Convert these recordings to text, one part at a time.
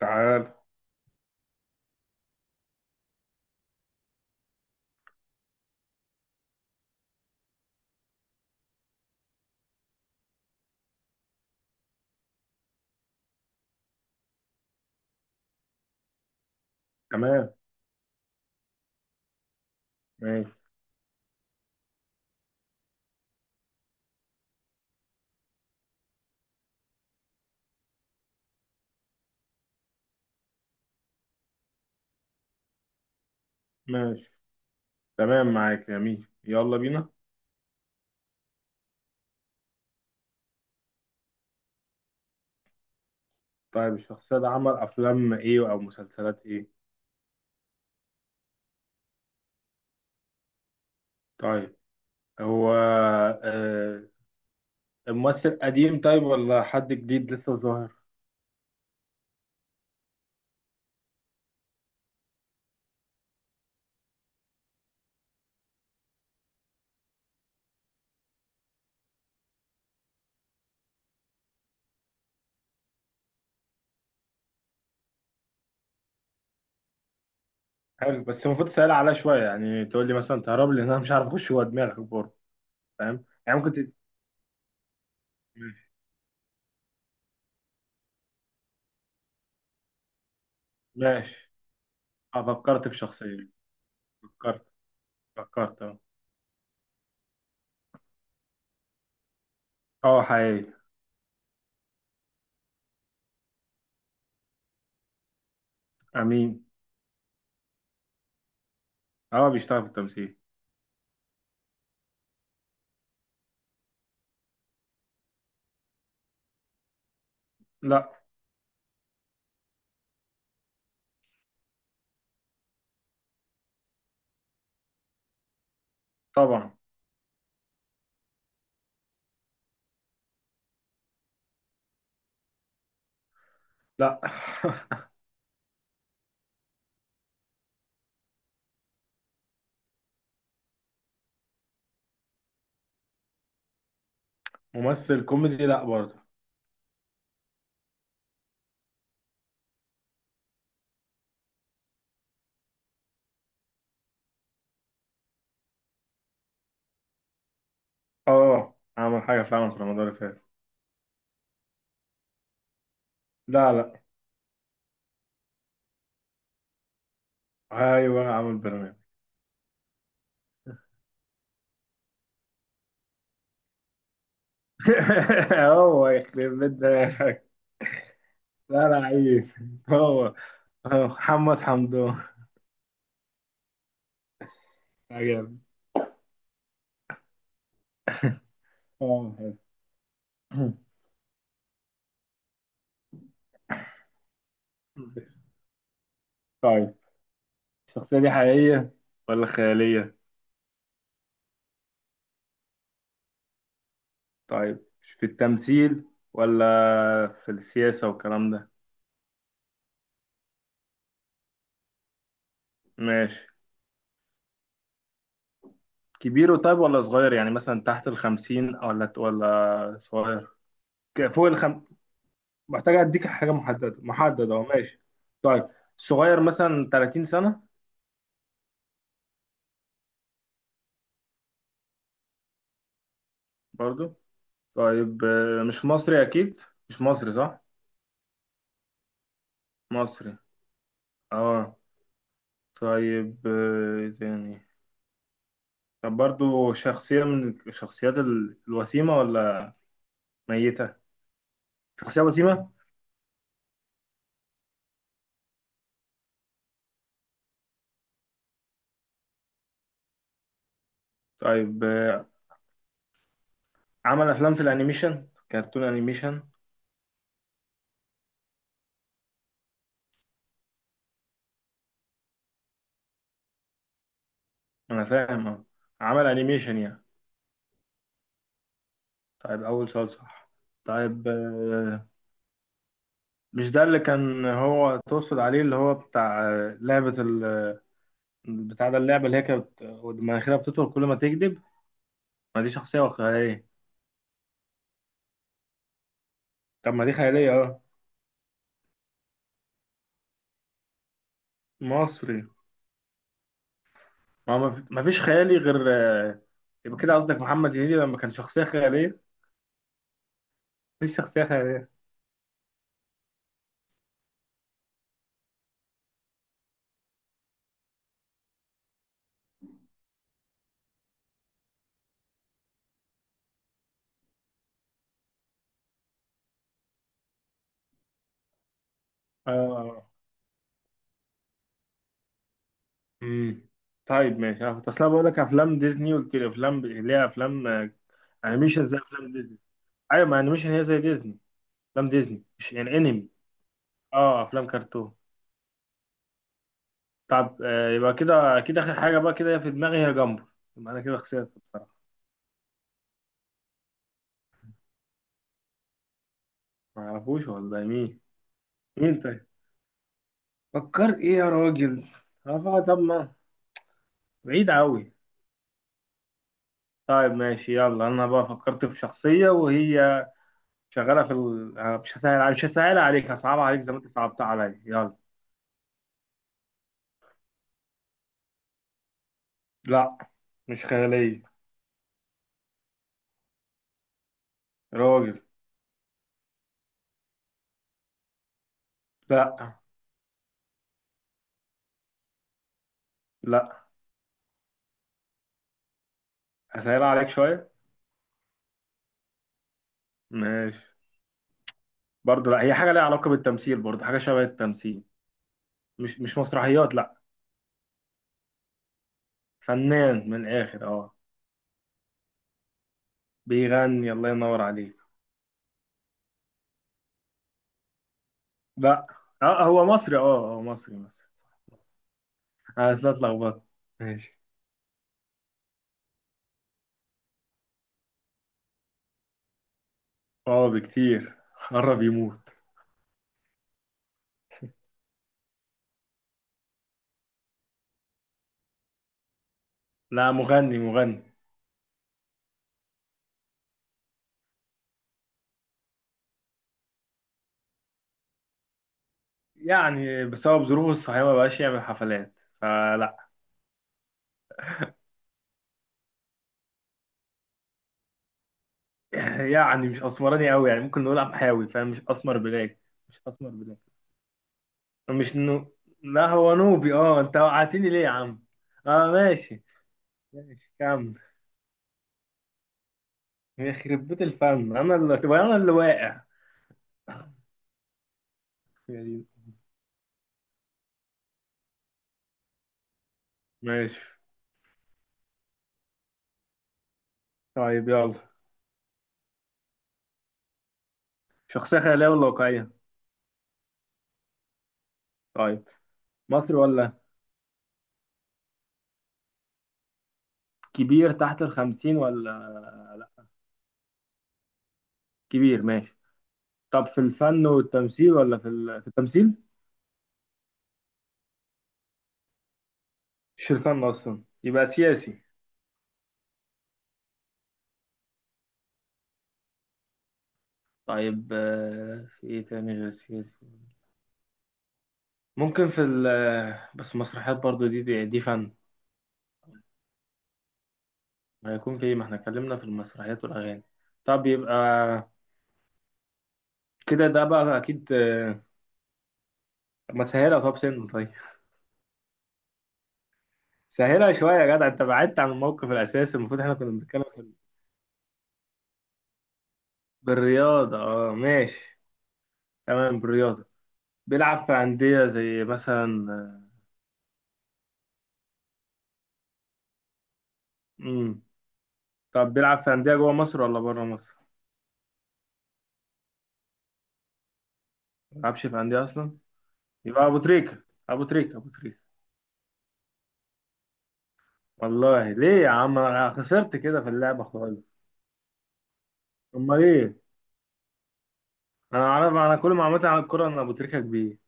تعال. تمام. ماشي. ماشي. تمام معاك يا مين، يلا بينا. طيب الشخصية ده عمل أفلام إيه أو مسلسلات إيه؟ طيب. هو. آه. الممثل قديم طيب ولا حد جديد لسه ظاهر؟ حلو، بس المفروض تسأل عليها شوية، يعني تقول لي مثلا تهرب لي، إن أنا مش عارف أخش جوه دماغك برضه. فاهم؟ يعني ممكن ماشي. ماشي. أه فكرت في شخصية. فكرت. فكرت أه. أه حقيقي. أمين. أه بيشتغل في التمثيل. لا. طبعا. لا. ممثل كوميدي لا برضه. اه عمل حاجة فعلا في رمضان اللي فات. لا لا. ايوه عمل برنامج. هو يخرب بيت دماغك. لا لا عيب. هو. هو محمد حمدان. عجب. اه حلو. طيب الشخصية دي حقيقية ولا خيالية؟ طيب في التمثيل ولا في السياسة والكلام ده؟ ماشي. كبير طيب ولا صغير، يعني مثلا تحت الخمسين ولا صغير؟ فوق محتاج اديك حاجه محدده محدده، اهو ماشي. طيب، صغير مثلا 30 سنه؟ برضو. طيب مش مصري اكيد، مش مصري صح. مصري اه. طيب إيه تاني؟ طب برضو شخصيه من الشخصيات الوسيمه ولا ميته؟ شخصيه وسيمه. طيب عمل افلام في الانيميشن كرتون انيميشن؟ انا فاهم اه. عمل انيميشن يعني. طيب اول سؤال صح. طيب مش ده اللي كان هو تقصد عليه، اللي هو بتاع لعبة بتاع ده اللعبة اللي هي كانت مناخيرها بتطول كل ما تكذب؟ ما دي شخصية وخيالية. طب ما دي خيالية اه. مصري. ما هو ما فيش خيالي غير. آه، يبقى كده قصدك محمد هنيدي لما كان شخصية خيالية. مفيش شخصية خيالية. اه. امم. طيب ماشي، انا كنت اصلا بقول لك افلام ديزني، قلت لي افلام اللي هي افلام انيميشن زي افلام ديزني. ايوه، ما انيميشن هي زي ديزني. افلام ديزني مش يعني انمي. اه افلام كرتون. طب يبقى كده اكيد اخر حاجه بقى كده في دماغي هي جامبو. يبقى انا كده خسرت بصراحه. ما اعرفوش والله مين. مين طيب؟ فكر ايه يا راجل؟ طب ما بعيد قوي. طيب ماشي، يلا انا بقى فكرت في شخصيه، وهي شغاله في ال... آه، مش هسهل عليك، هصعبها عليك زي ما انت صعبتها عليا، يلا. لا، مش خياليه. راجل. لا. لا. هسهل عليك شويه. ماشي. برضه لا، هي حاجه ليها علاقه بالتمثيل، برضه حاجه شبه التمثيل، مش مسرحيات لا. فنان من الاخر اه. بيغني الله ينور عليك. لا. اه، هو مصري، اه هو مصري انا أصل اتلخبطت. ماشي. اه بكتير، قرب يموت. لا مغني مغني. يعني بسبب ظروفه الصحية ما بقاش يعمل حفلات فلا. يعني مش اسمراني قوي، يعني ممكن نقول امحاوي، فاهم، مش اسمر بلاك. مش اسمر بلاك. مش نو لا هو نوبي اه، انت وقعتني ليه يا عم. اه ماشي. ماشي كمل. يخرب بيت الفن، انا اللي تبقى انا اللي واقع يعني. ماشي. طيب يلا. شخصية خيالية ولا واقعية؟ طيب. مصري ولا؟ كبير تحت الخمسين ولا؟ لا كبير. ماشي. طب في الفن والتمثيل ولا في في التمثيل؟ مش في الفن أصلا يبقى سياسي. طيب في إيه تاني غير سياسي؟ ممكن في ال... آه، بس مسرحيات برضو دي فن. هيكون في إيه؟ ما احنا اتكلمنا في المسرحيات والأغاني. طب يبقى كده ده بقى أكيد. ما تسهلها طب سن طيب. سهلها شوية يا جدع، انت بعدت عن الموقف الأساسي، المفروض احنا كنا بنتكلم في بالرياضة اه ماشي. تمام بالرياضة. بيلعب في أندية زي مثلا. امم. طب بيلعب في أندية جوه مصر ولا بره مصر؟ ما بيلعبش في أندية أصلا؟ يبقى أبو تريكة. أبو تريكة أبو تريكة. والله ليه يا عم، أنا خسرت كده في اللعبة خالص. أمال إيه؟ أنا أعرف، أنا كل معلوماتي عن الكورة إن أبو تريكة كبير.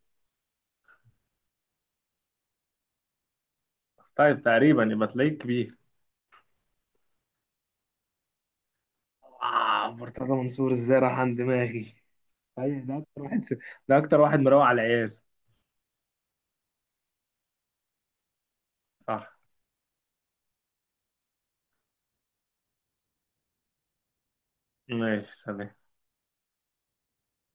طيب تقريبا، يبقى تلاقيك كبير. آه مرتضى منصور، إزاي راح عن دماغي؟ أيوة، ده أكتر واحد، ده أكتر واحد مروق على العيال. صح. ماشي سلام.